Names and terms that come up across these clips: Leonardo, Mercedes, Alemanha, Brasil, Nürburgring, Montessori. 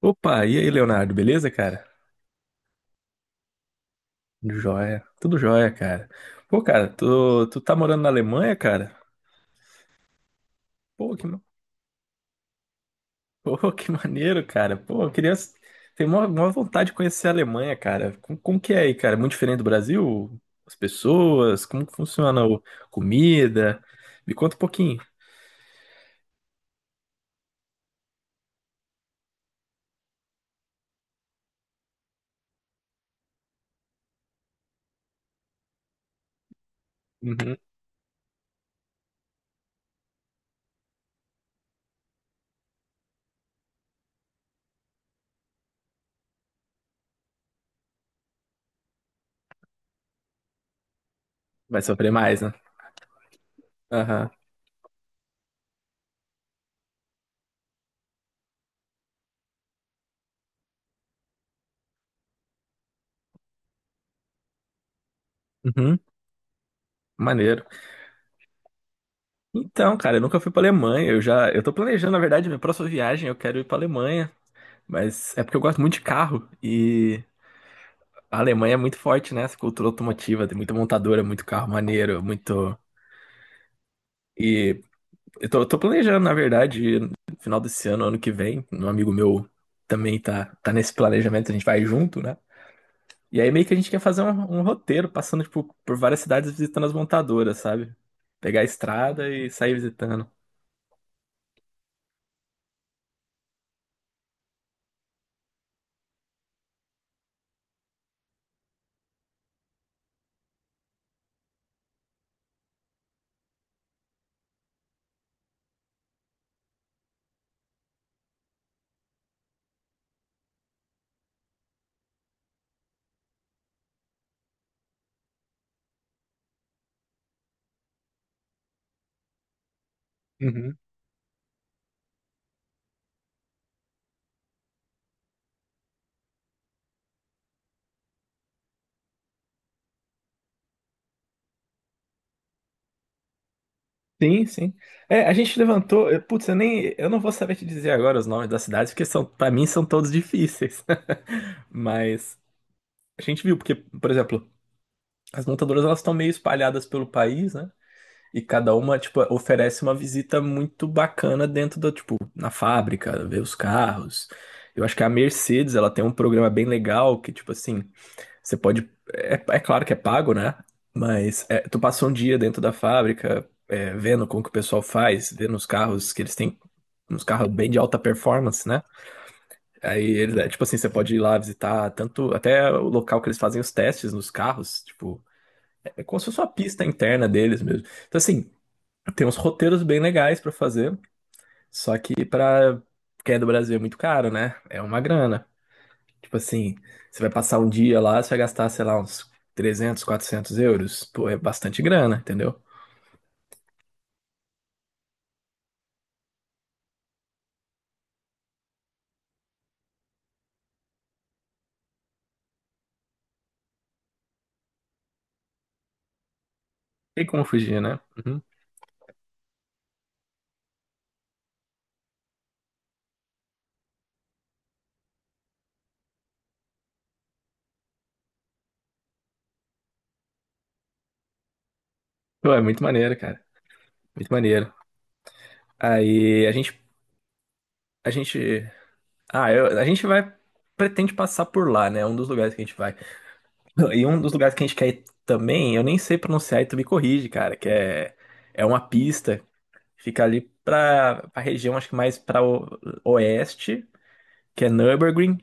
Opa, e aí, Leonardo, beleza, cara? Tudo jóia, tudo jóia, cara. Pô, cara, tu tá morando na Alemanha, cara? Pô, que maneiro, cara. Pô, eu queria. Tenho uma maior vontade de conhecer a Alemanha, cara. Como que é aí, cara? Muito diferente do Brasil? As pessoas? Como que funciona a comida? Me conta um pouquinho. Uhum. Vai sofrer mais, né? Aham. Uhum. Maneiro. Então, cara, eu nunca fui pra Alemanha. Eu tô planejando, na verdade, minha próxima viagem. Eu quero ir pra Alemanha. Mas é porque eu gosto muito de carro e a Alemanha é muito forte nessa cultura automotiva, tem muita montadora, muito carro maneiro, muito. E eu tô planejando, na verdade, no final desse ano, ano que vem, um amigo meu também tá nesse planejamento, a gente vai junto, né? E aí meio que a gente quer fazer um roteiro, passando, tipo, por várias cidades visitando as montadoras, sabe? Pegar a estrada e sair visitando. Uhum. Sim, sim. É, a gente levantou. Putz, eu nem. Eu não vou saber te dizer agora os nomes das cidades, porque para mim são todos difíceis. Mas a gente viu, porque, por exemplo, as montadoras elas estão meio espalhadas pelo país, né? E cada uma, tipo, oferece uma visita muito bacana dentro tipo, na fábrica, ver os carros. Eu acho que a Mercedes, ela tem um programa bem legal que, tipo assim, você pode. É claro que é pago, né? Mas é, tu passa um dia dentro da fábrica, é, vendo como que o pessoal faz, vendo os carros que eles têm, uns carros bem de alta performance, né? Aí eles, é, tipo assim, você pode ir lá visitar tanto até o local que eles fazem os testes nos carros, tipo, é como se fosse uma pista interna deles mesmo. Então assim, tem uns roteiros bem legais pra fazer, só que pra quem é do Brasil é muito caro, né? É uma grana. Tipo assim, você vai passar um dia lá, você vai gastar, sei lá, uns 300, 400 euros. Pô, é bastante grana, entendeu? Tem como fugir, né? Uhum. Pô, é muito maneiro, cara. Muito maneiro. Aí a gente a gente vai. Pretende passar por lá, né? É um dos lugares que a gente vai. E um dos lugares que a gente quer ir também, eu nem sei pronunciar e tu me corrige, cara, que é uma pista, fica ali pra, região, acho que mais pra oeste, que é Nürburgring,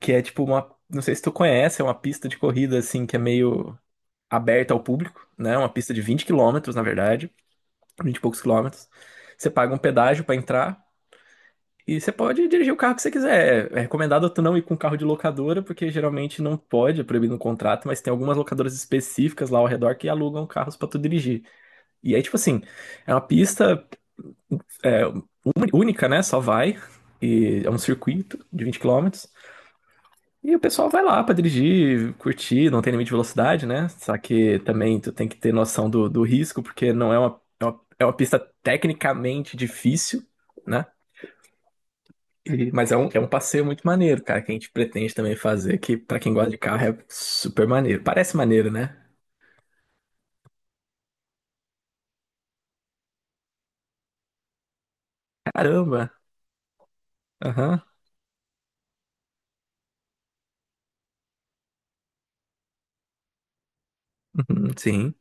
que é tipo uma. Não sei se tu conhece, é uma pista de corrida assim que é meio aberta ao público, né? Uma pista de 20 quilômetros, na verdade, 20 e poucos quilômetros. Você paga um pedágio pra entrar. E você pode dirigir o carro que você quiser. É recomendado tu não ir com carro de locadora, porque geralmente não pode, é proibido no contrato, mas tem algumas locadoras específicas lá ao redor que alugam carros pra tu dirigir. E aí, tipo assim, é uma pista é, única, né? Só vai. E é um circuito de 20 quilômetros. E o pessoal vai lá pra dirigir, curtir, não tem limite de velocidade, né? Só que também tu tem que ter noção do risco, porque não é uma pista tecnicamente difícil. Né? Mas é um passeio muito maneiro, cara, que a gente pretende também fazer, que pra quem gosta de carro é super maneiro. Parece maneiro, né? Caramba! Aham, uhum, sim.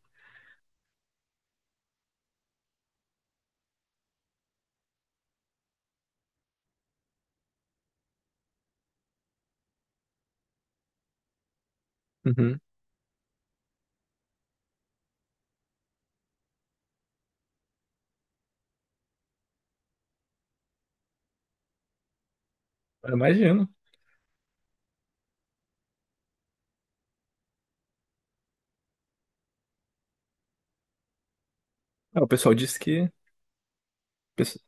Uhum. Eu imagino. Ah, o pessoal disse que pesso-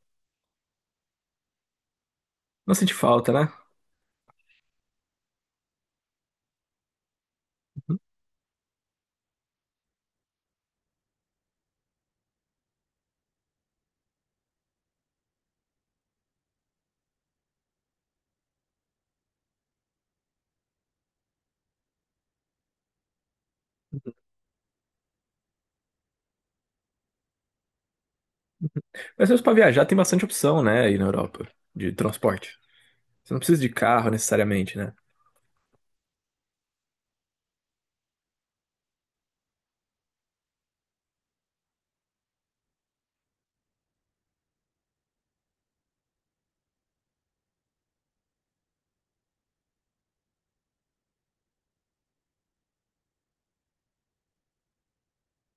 não sente falta, né? Uhum. Mas mesmo pra viajar tem bastante opção, né, aí na Europa, de transporte. Você não precisa de carro necessariamente, né?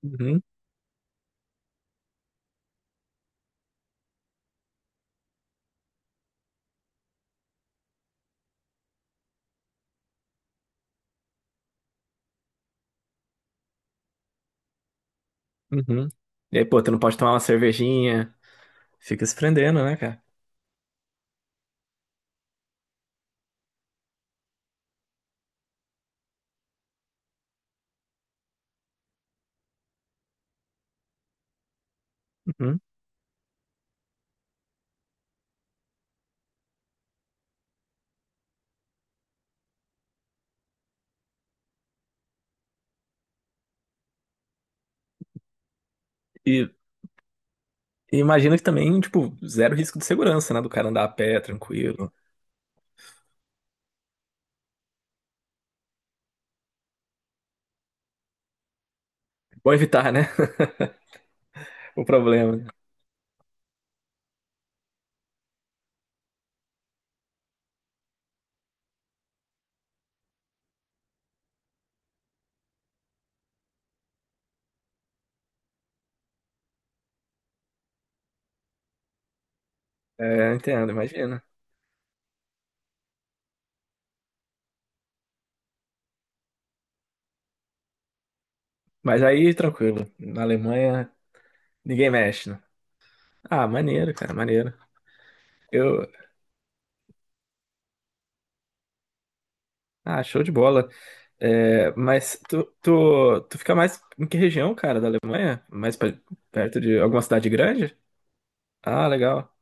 Uhum, uhum. E aí, pô, tu não pode tomar uma cervejinha, fica se prendendo, né, cara? Uhum. E, e imagino que também, tipo, zero risco de segurança, né, do cara andar a pé, tranquilo. Bom evitar, né, o problema. É, entendo, imagina. Mas aí, tranquilo, na Alemanha, ninguém mexe, né? Ah, maneiro, cara, maneiro. Eu, show de bola. É, mas tu fica mais em que região, cara, da Alemanha? Mais perto de alguma cidade grande? Ah, legal.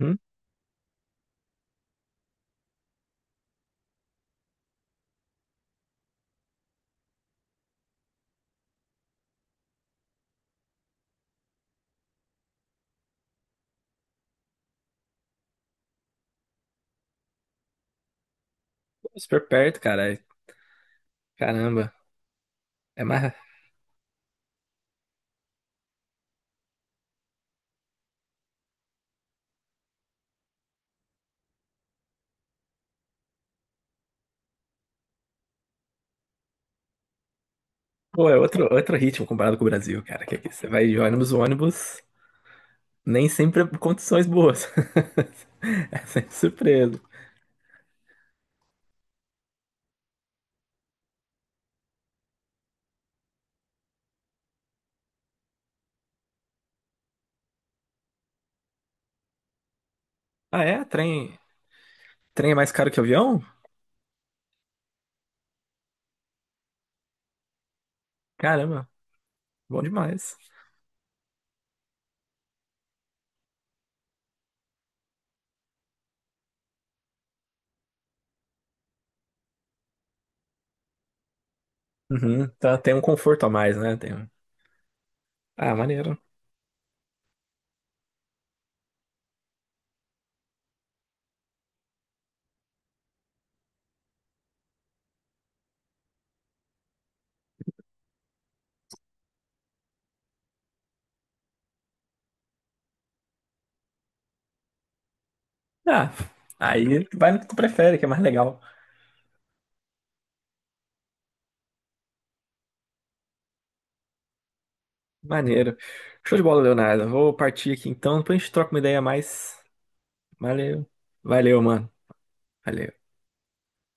Uhum. Super perto, cara. Caramba. É mais. Pô, é outro ritmo comparado com o Brasil, cara. Que aqui você vai de ônibus, o ônibus nem sempre é condições boas. É sempre surpresa. Ah, é? Trem é mais caro que avião? Caramba, bom demais. Uhum, tá, tem um conforto a mais, né? Tem um... Ah, maneiro. Ah, aí vai no que tu prefere, que é mais legal. Maneiro. Show de bola, Leonardo. Vou partir aqui então, depois a gente troca uma ideia a mais. Valeu. Valeu, mano. Valeu.